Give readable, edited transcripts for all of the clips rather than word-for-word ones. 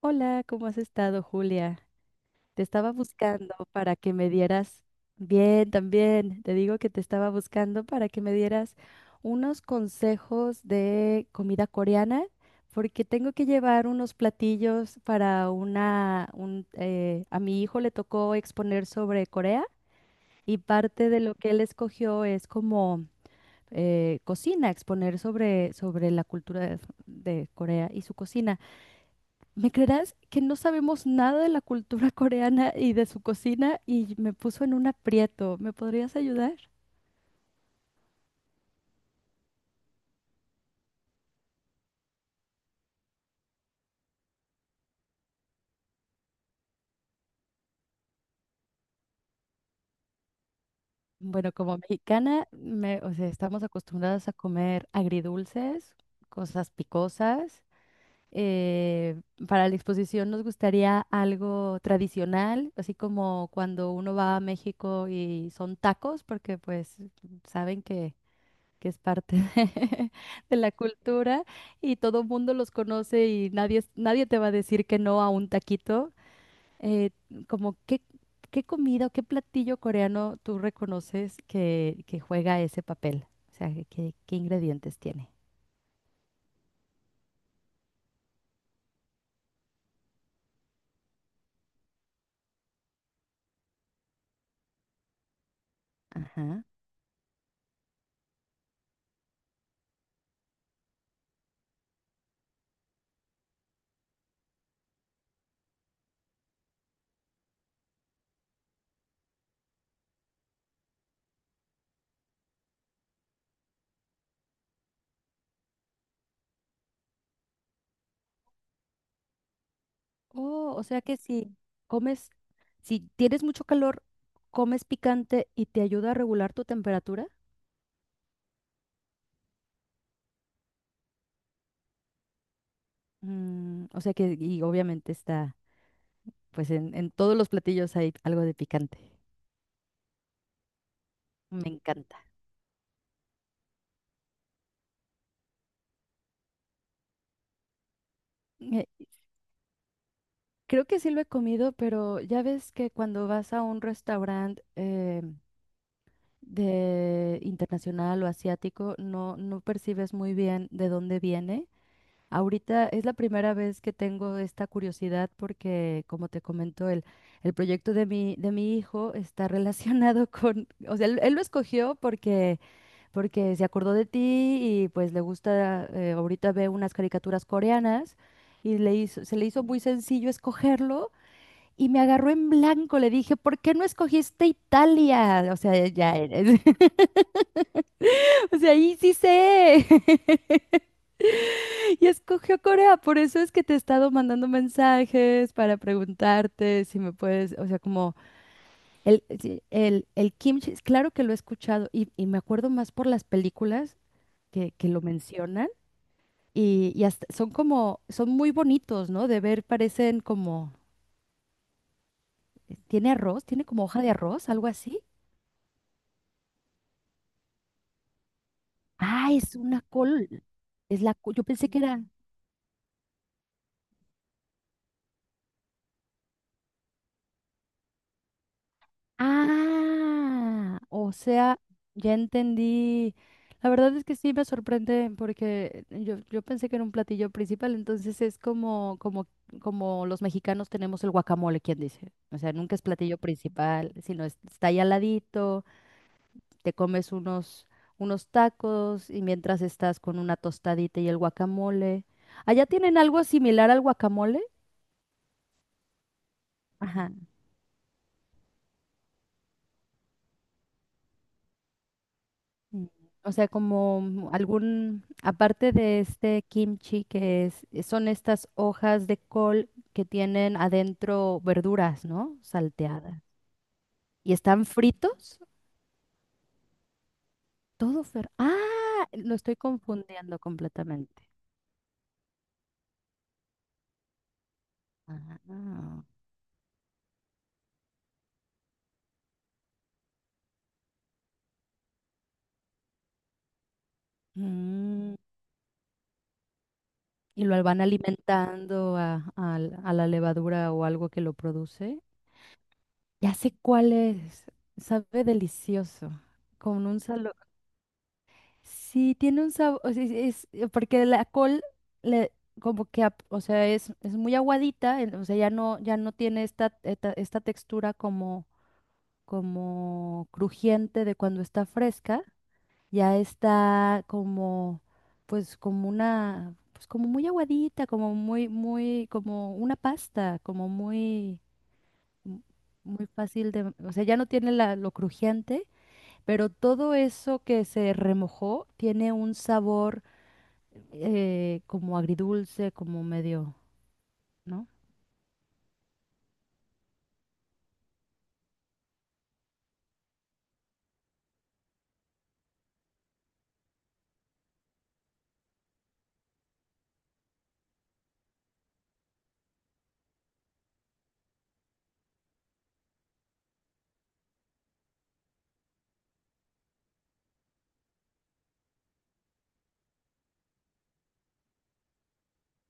Hola, ¿cómo has estado, Julia? Te estaba buscando para que me dieras, bien, también, te digo que te estaba buscando para que me dieras unos consejos de comida coreana, porque tengo que llevar unos platillos para una, un, a mi hijo le tocó exponer sobre Corea y parte de lo que él escogió es como cocina, exponer sobre, sobre la cultura de Corea y su cocina. ¿Me creerás que no sabemos nada de la cultura coreana y de su cocina y me puso en un aprieto? ¿Me podrías ayudar? Bueno, como mexicana, o sea, estamos acostumbradas a comer agridulces, cosas picosas. Eh, para la exposición nos gustaría algo tradicional, así como cuando uno va a México y son tacos, porque pues saben que es parte de, de la cultura y todo el mundo los conoce y nadie, nadie te va a decir que no a un taquito. Eh, Como, ¿qué, qué comida o qué platillo coreano tú reconoces que juega ese papel? O sea, ¿qué, qué ingredientes tiene? Ajá. Oh, o sea que si comes, si tienes mucho calor, comes picante y te ayuda a regular tu temperatura. Mm, o sea que, y obviamente está, pues en todos los platillos hay algo de picante. Me encanta. Eh, Creo que sí lo he comido, pero ya ves que cuando vas a un restaurante de internacional o asiático, no, no percibes muy bien de dónde viene. Ahorita es la primera vez que tengo esta curiosidad porque, como te comento, el proyecto de mi hijo está relacionado con, o sea, él lo escogió porque porque se acordó de ti y pues le gusta, ahorita ve unas caricaturas coreanas y le hizo, se le hizo muy sencillo escogerlo y me agarró en blanco, le dije, ¿por qué no escogiste Italia? O sea, ya eres, o sea, ahí sí sé. Y escogió Corea, por eso es que te he estado mandando mensajes para preguntarte si me puedes, o sea, como el, sí, el kimchi, claro que lo he escuchado y me acuerdo más por las películas que lo mencionan. Son como, son muy bonitos, ¿no? De ver, parecen como, ¿tiene arroz? ¿Tiene como hoja de arroz? ¿Algo así? Ah, es una col. Yo pensé que era. Ah, o sea, ya entendí. La verdad es que sí me sorprende porque yo pensé que era un platillo principal, entonces es como, como, como los mexicanos tenemos el guacamole, ¿quién dice? O sea, nunca es platillo principal, está ahí al ladito. Te comes unos, unos tacos y mientras estás con una tostadita y el guacamole. ¿Allá tienen algo similar al guacamole? Ajá. Mm. O sea, como algún, aparte de este kimchi que es, son estas hojas de col que tienen adentro verduras, ¿no? Salteadas. ¿Y están fritos? Todo fer... Ah, lo estoy confundiendo completamente. Ah, mm. Y lo van alimentando a la levadura o algo que lo produce. Ya sé cuál es. Sabe delicioso. Con un sabor. Sí, tiene un sabor. Porque la col le como que o sea, es muy aguadita, o sea, ya no, ya no tiene esta, esta, esta textura como, como crujiente de cuando está fresca, ya está como, pues como una, pues como muy aguadita, como muy, muy, como una pasta, como muy, mm, muy fácil de, o sea, ya no tiene la- lo crujiente, pero todo eso que se remojó tiene un sabor como agridulce, como medio, ¿no?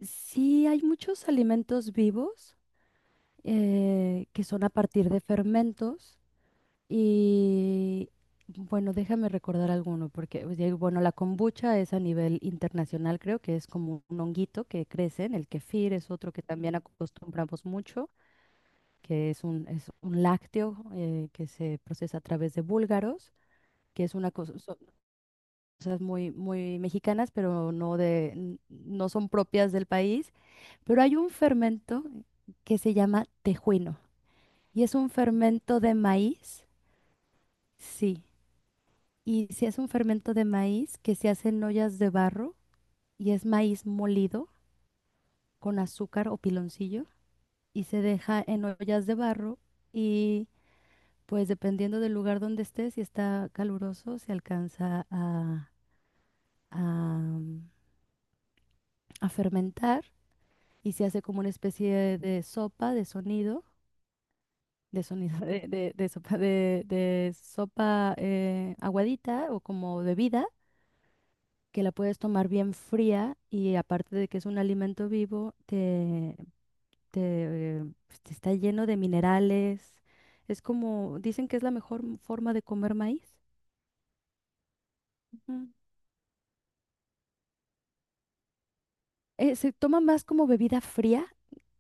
Sí, hay muchos alimentos vivos que son a partir de fermentos. Y bueno, déjame recordar alguno, porque pues, bueno, la kombucha es a nivel internacional, creo que es como un honguito que crece, en el kefir es otro que también acostumbramos mucho, que es un lácteo que se procesa a través de búlgaros, que es una cosa, son cosas muy, muy mexicanas, pero no de, no son propias del país. Pero hay un fermento que se llama tejuino, y es un fermento de maíz, sí. Y si es un fermento de maíz que se hace en ollas de barro y es maíz molido con azúcar o piloncillo y se deja en ollas de barro y pues dependiendo del lugar donde esté, si está caluroso, se alcanza a, a fermentar y se hace como una especie de sopa de sonido de, de sopa aguadita o como bebida que la puedes tomar bien fría y aparte de que es un alimento vivo, te, pues, te está lleno de minerales. Es como, dicen que es la mejor forma de comer maíz. Ujú. Se toma más como bebida fría,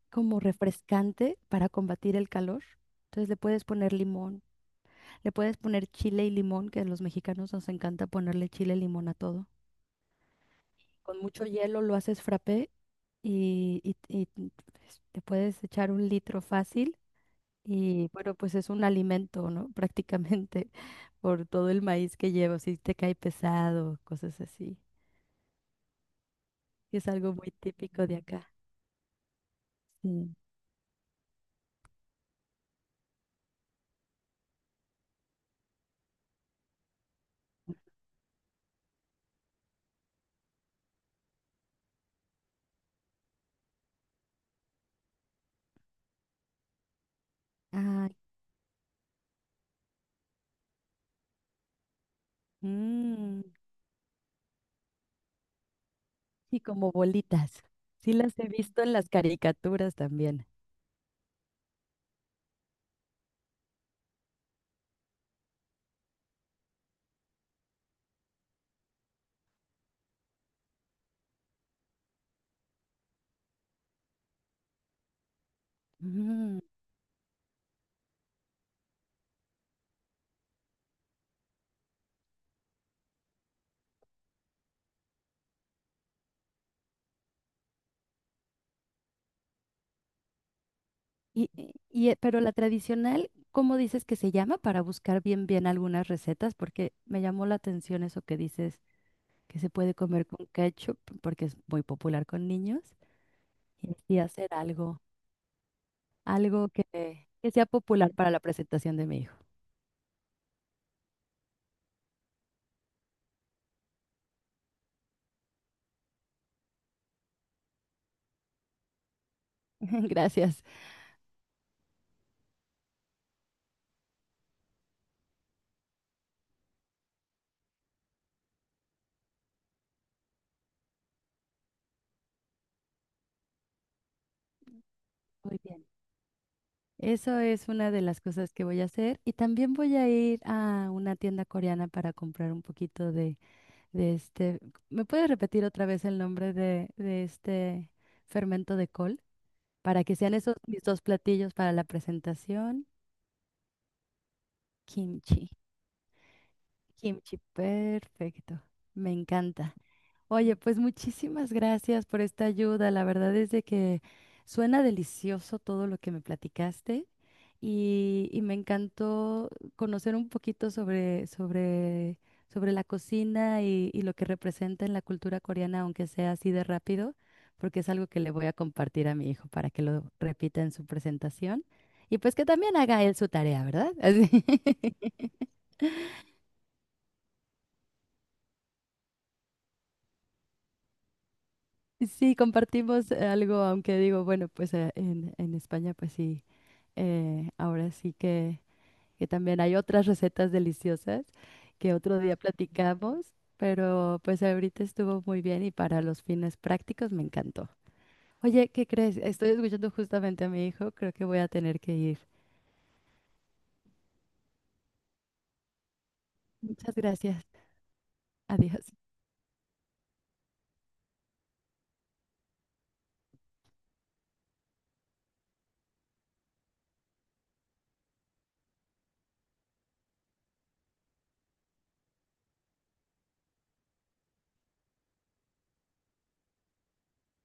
como refrescante para combatir el calor. Entonces le puedes poner limón, le puedes poner chile y limón, que a los mexicanos nos encanta ponerle chile y limón a todo. Con mucho hielo lo haces frappé y, y, pues, te puedes echar un litro fácil. Y bueno, pues es un alimento, ¿no? Prácticamente por todo el maíz que lleva, si te cae pesado, cosas así. Y es algo muy típico de acá. Sí. Ay, mm, y como bolitas. Sí las he visto en las caricaturas también. Mm, y, y, pero la tradicional, ¿cómo dices que se llama? Para buscar bien, bien algunas recetas, porque me llamó la atención eso que dices que se puede comer con ketchup, porque es muy popular con niños, y así hacer algo. Algo que sea popular para la presentación de mi hijo. Gracias. Muy bien. Eso es una de las cosas que voy a hacer. Y también voy a ir a una tienda coreana para comprar un poquito de este. ¿Me puedes repetir otra vez el nombre de este fermento de col? Para que sean esos mis dos platillos para la presentación. Kimchi. Kimchi, perfecto. Me encanta. Oye, pues muchísimas gracias por esta ayuda. La verdad es de que suena delicioso todo lo que me platicaste y me encantó conocer un poquito sobre, sobre, sobre la cocina y lo que representa en la cultura coreana, aunque sea así de rápido, porque es algo que le voy a compartir a mi hijo para que lo repita en su presentación y pues que también haga él su tarea, ¿verdad? Así. Sí, compartimos algo, aunque digo, bueno, pues en España, pues sí, ahora sí que también hay otras recetas deliciosas que otro día platicamos, pero pues ahorita estuvo muy bien y para los fines prácticos me encantó. Oye, ¿qué crees? Estoy escuchando justamente a mi hijo, creo que voy a tener que ir. Muchas gracias. Adiós.